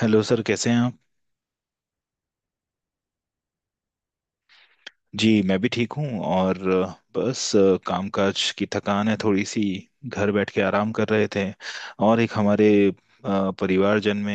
Hello sir, कैसे हैं आप? जी, मैं भी ठीक हूँ। और बस कामकाज की थकान है, थोड़ी सी। घर बैठ के आराम कर रहे थे, और एक हमारे परिवारजन में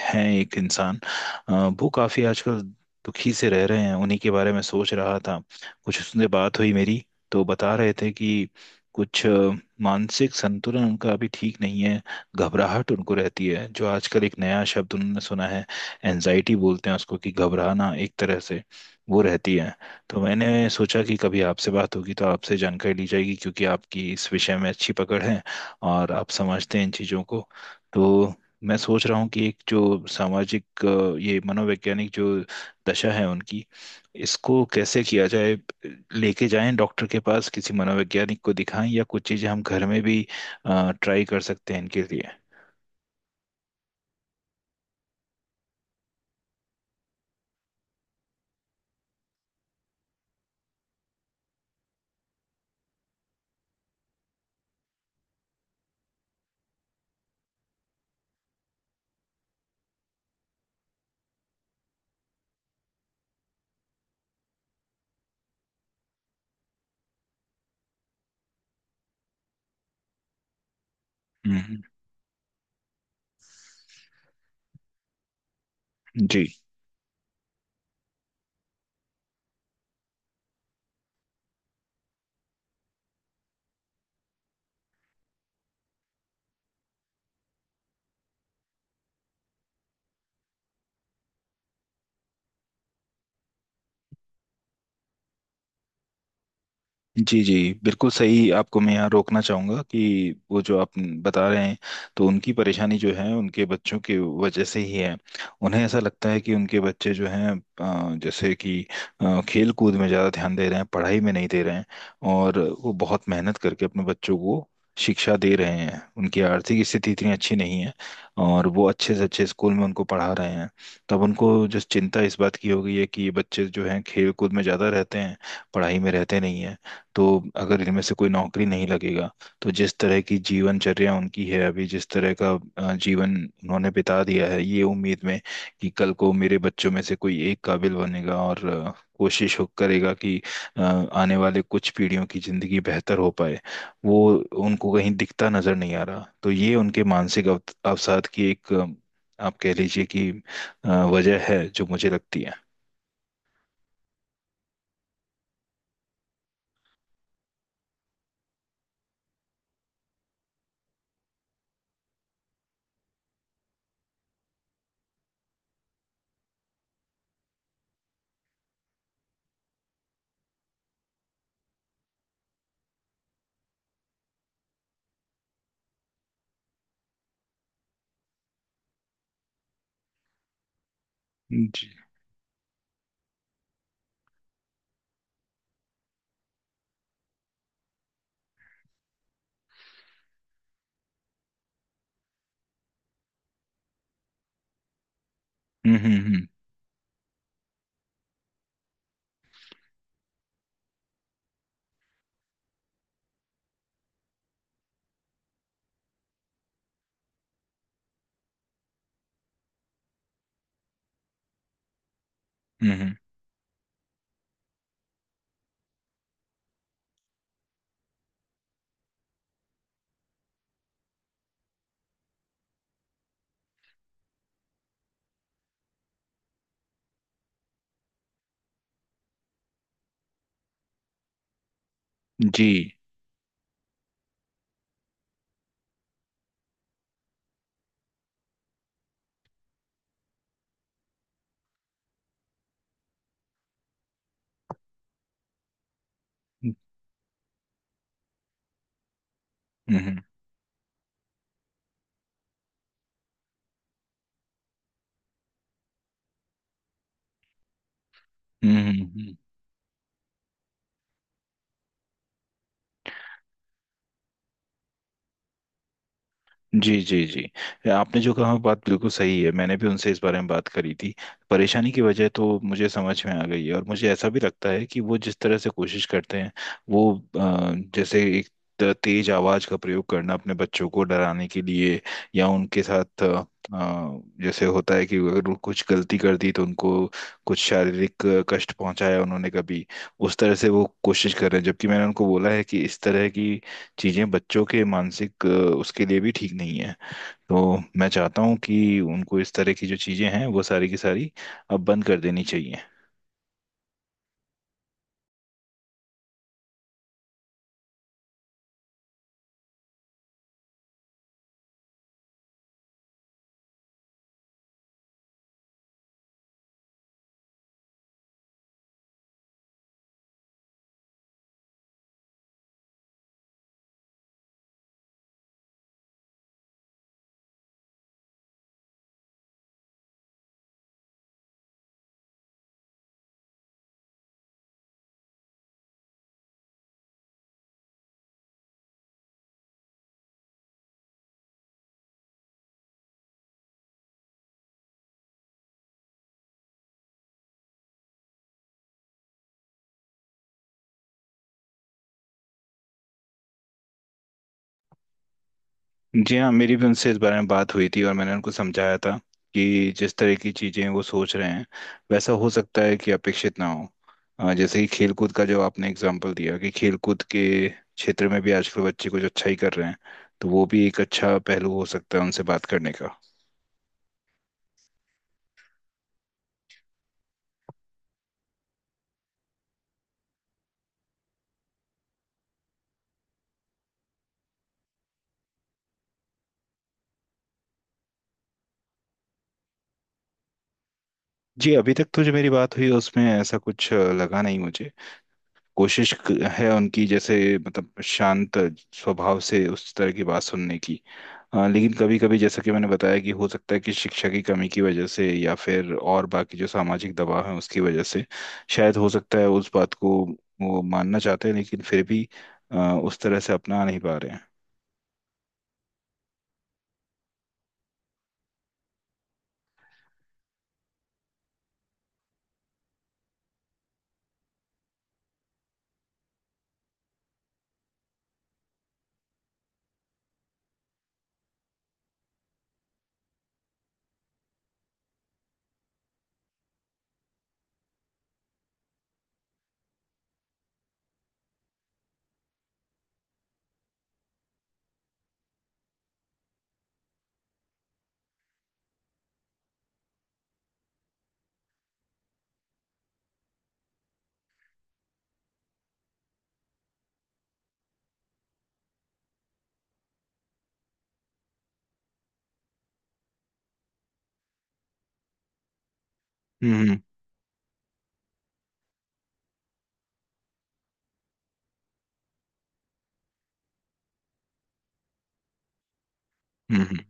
हैं एक इंसान। अ, वो काफ़ी आजकल दुखी से रह रहे हैं। उन्हीं के बारे में सोच रहा था। कुछ उससे बात हुई मेरी, तो बता रहे थे कि कुछ मानसिक संतुलन उनका अभी ठीक नहीं है। घबराहट उनको रहती है, जो आजकल एक नया शब्द उन्होंने सुना है, एनजाइटी बोलते हैं उसको, कि घबराना एक तरह से वो रहती है। तो मैंने सोचा कि कभी आपसे बात होगी तो आपसे जानकारी ली जाएगी, क्योंकि आपकी इस विषय में अच्छी पकड़ है और आप समझते हैं इन चीज़ों को। तो मैं सोच रहा हूँ कि एक जो सामाजिक ये मनोवैज्ञानिक जो दशा है उनकी, इसको कैसे किया जाए? लेके जाएं डॉक्टर के पास, किसी मनोवैज्ञानिक को दिखाएं, या कुछ चीज़ें हम घर में भी ट्राई कर सकते हैं इनके लिए? हम्म। जी, जी, जी। बिल्कुल सही। आपको मैं यहाँ रोकना चाहूँगा कि वो जो आप बता रहे हैं, तो उनकी परेशानी जो है उनके बच्चों की वजह से ही है। उन्हें ऐसा लगता है कि उनके बच्चे जो हैं, जैसे कि खेल कूद में ज़्यादा ध्यान दे रहे हैं, पढ़ाई में नहीं दे रहे हैं। और वो बहुत मेहनत करके अपने बच्चों को शिक्षा दे रहे हैं। उनकी आर्थिक स्थिति इतनी अच्छी नहीं है, और वो अच्छे से अच्छे स्कूल में उनको पढ़ा रहे हैं। तब उनको जो चिंता इस बात की हो गई है कि ये बच्चे जो हैं खेल कूद में ज़्यादा रहते हैं, पढ़ाई में रहते नहीं हैं। तो अगर इनमें से कोई नौकरी नहीं लगेगा, तो जिस तरह की जीवनचर्या उनकी है अभी, जिस तरह का जीवन उन्होंने बिता दिया है ये उम्मीद में कि कल को मेरे बच्चों में से कोई एक काबिल बनेगा, और कोशिश हो करेगा कि आने वाले कुछ पीढ़ियों की जिंदगी बेहतर हो पाए, वो उनको कहीं दिखता नजर नहीं आ रहा। तो ये उनके मानसिक अवसाद की एक आप कह लीजिए कि अ, वजह है जो मुझे लगती है। जी। हम्म, हम्म, हम्म, जी। हम्म, हम्म। हम्म, जी, जी, जी। आपने जो कहा बात बिल्कुल सही है। मैंने भी उनसे इस बारे में बात करी थी। परेशानी की वजह तो मुझे समझ में आ गई है, और मुझे ऐसा भी लगता है कि वो जिस तरह से कोशिश करते हैं, वो जैसे एक तेज आवाज का प्रयोग करना अपने बच्चों को डराने के लिए, या उनके साथ जैसे होता है कि अगर वो कुछ गलती कर दी तो उनको कुछ शारीरिक कष्ट पहुंचाया उन्होंने कभी, उस तरह से वो कोशिश कर रहे हैं। जबकि मैंने उनको बोला है कि इस तरह की चीज़ें बच्चों के मानसिक उसके लिए भी ठीक नहीं है। तो मैं चाहता हूँ कि उनको इस तरह की जो चीज़ें हैं वो सारी की सारी अब बंद कर देनी चाहिए। जी हाँ, मेरी भी उनसे इस बारे में बात हुई थी और मैंने उनको समझाया था कि जिस तरह की चीज़ें वो सोच रहे हैं वैसा हो सकता है कि अपेक्षित ना हो। जैसे कि खेलकूद का जो आपने एग्जाम्पल दिया, कि खेलकूद के क्षेत्र में भी आजकल बच्चे कुछ अच्छा ही कर रहे हैं, तो वो भी एक अच्छा पहलू हो सकता है उनसे बात करने का। जी, अभी तक तो जो मेरी बात हुई उसमें ऐसा कुछ लगा नहीं मुझे। कोशिश क- है उनकी, जैसे मतलब शांत स्वभाव से उस तरह की बात सुनने की। लेकिन कभी कभी जैसा कि मैंने बताया कि हो सकता है कि शिक्षा की कमी की वजह से या फिर और बाकी जो सामाजिक दबाव है उसकी वजह से शायद हो सकता है उस बात को वो मानना चाहते हैं, लेकिन फिर भी अ, उस तरह से अपना नहीं पा रहे हैं। हम्म, हम्म, हम्म,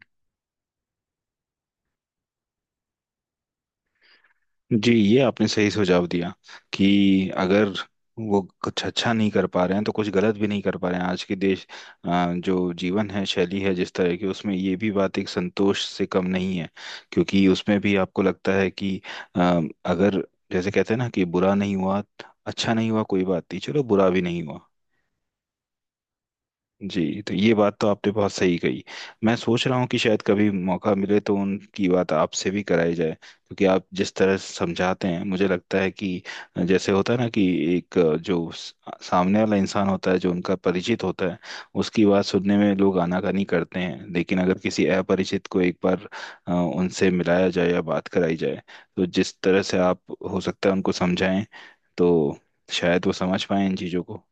जी, ये आपने सही सुझाव दिया कि अगर वो कुछ अच्छा नहीं कर पा रहे हैं तो कुछ गलत भी नहीं कर पा रहे हैं। आज के देश जो जीवन है शैली है जिस तरह की, उसमें ये भी बात एक संतोष से कम नहीं है। क्योंकि उसमें भी आपको लगता है कि अ, अगर जैसे कहते हैं ना कि बुरा नहीं हुआ, अच्छा नहीं हुआ कोई बात नहीं, चलो बुरा भी नहीं हुआ। जी, तो ये बात तो आपने बहुत सही कही। मैं सोच रहा हूँ कि शायद कभी मौका मिले तो उनकी बात आपसे भी कराई जाए, क्योंकि आप जिस तरह समझाते हैं मुझे लगता है कि जैसे होता है ना कि एक जो सामने वाला इंसान होता है जो उनका परिचित होता है, उसकी बात सुनने में लोग आनाकानी करते हैं, लेकिन अगर किसी अपरिचित को एक बार उनसे मिलाया जाए या बात कराई जाए, तो जिस तरह से आप हो सकता है उनको समझाएं, तो शायद वो समझ पाए इन चीज़ों को।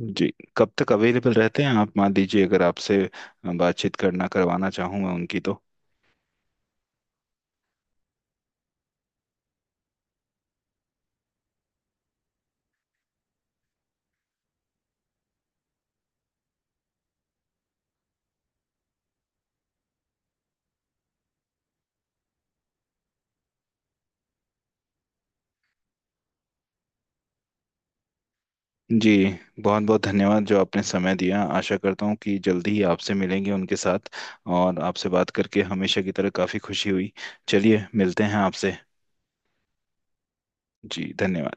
जी, कब तक अवेलेबल रहते हैं आप? मान लीजिए अगर आपसे बातचीत करना करवाना चाहूँ मैं उनकी तो। जी, बहुत बहुत धन्यवाद जो आपने समय दिया। आशा करता हूँ कि जल्दी ही आपसे मिलेंगे उनके साथ, और आपसे बात करके हमेशा की तरह काफ़ी खुशी हुई। चलिए, मिलते हैं आपसे। जी, धन्यवाद।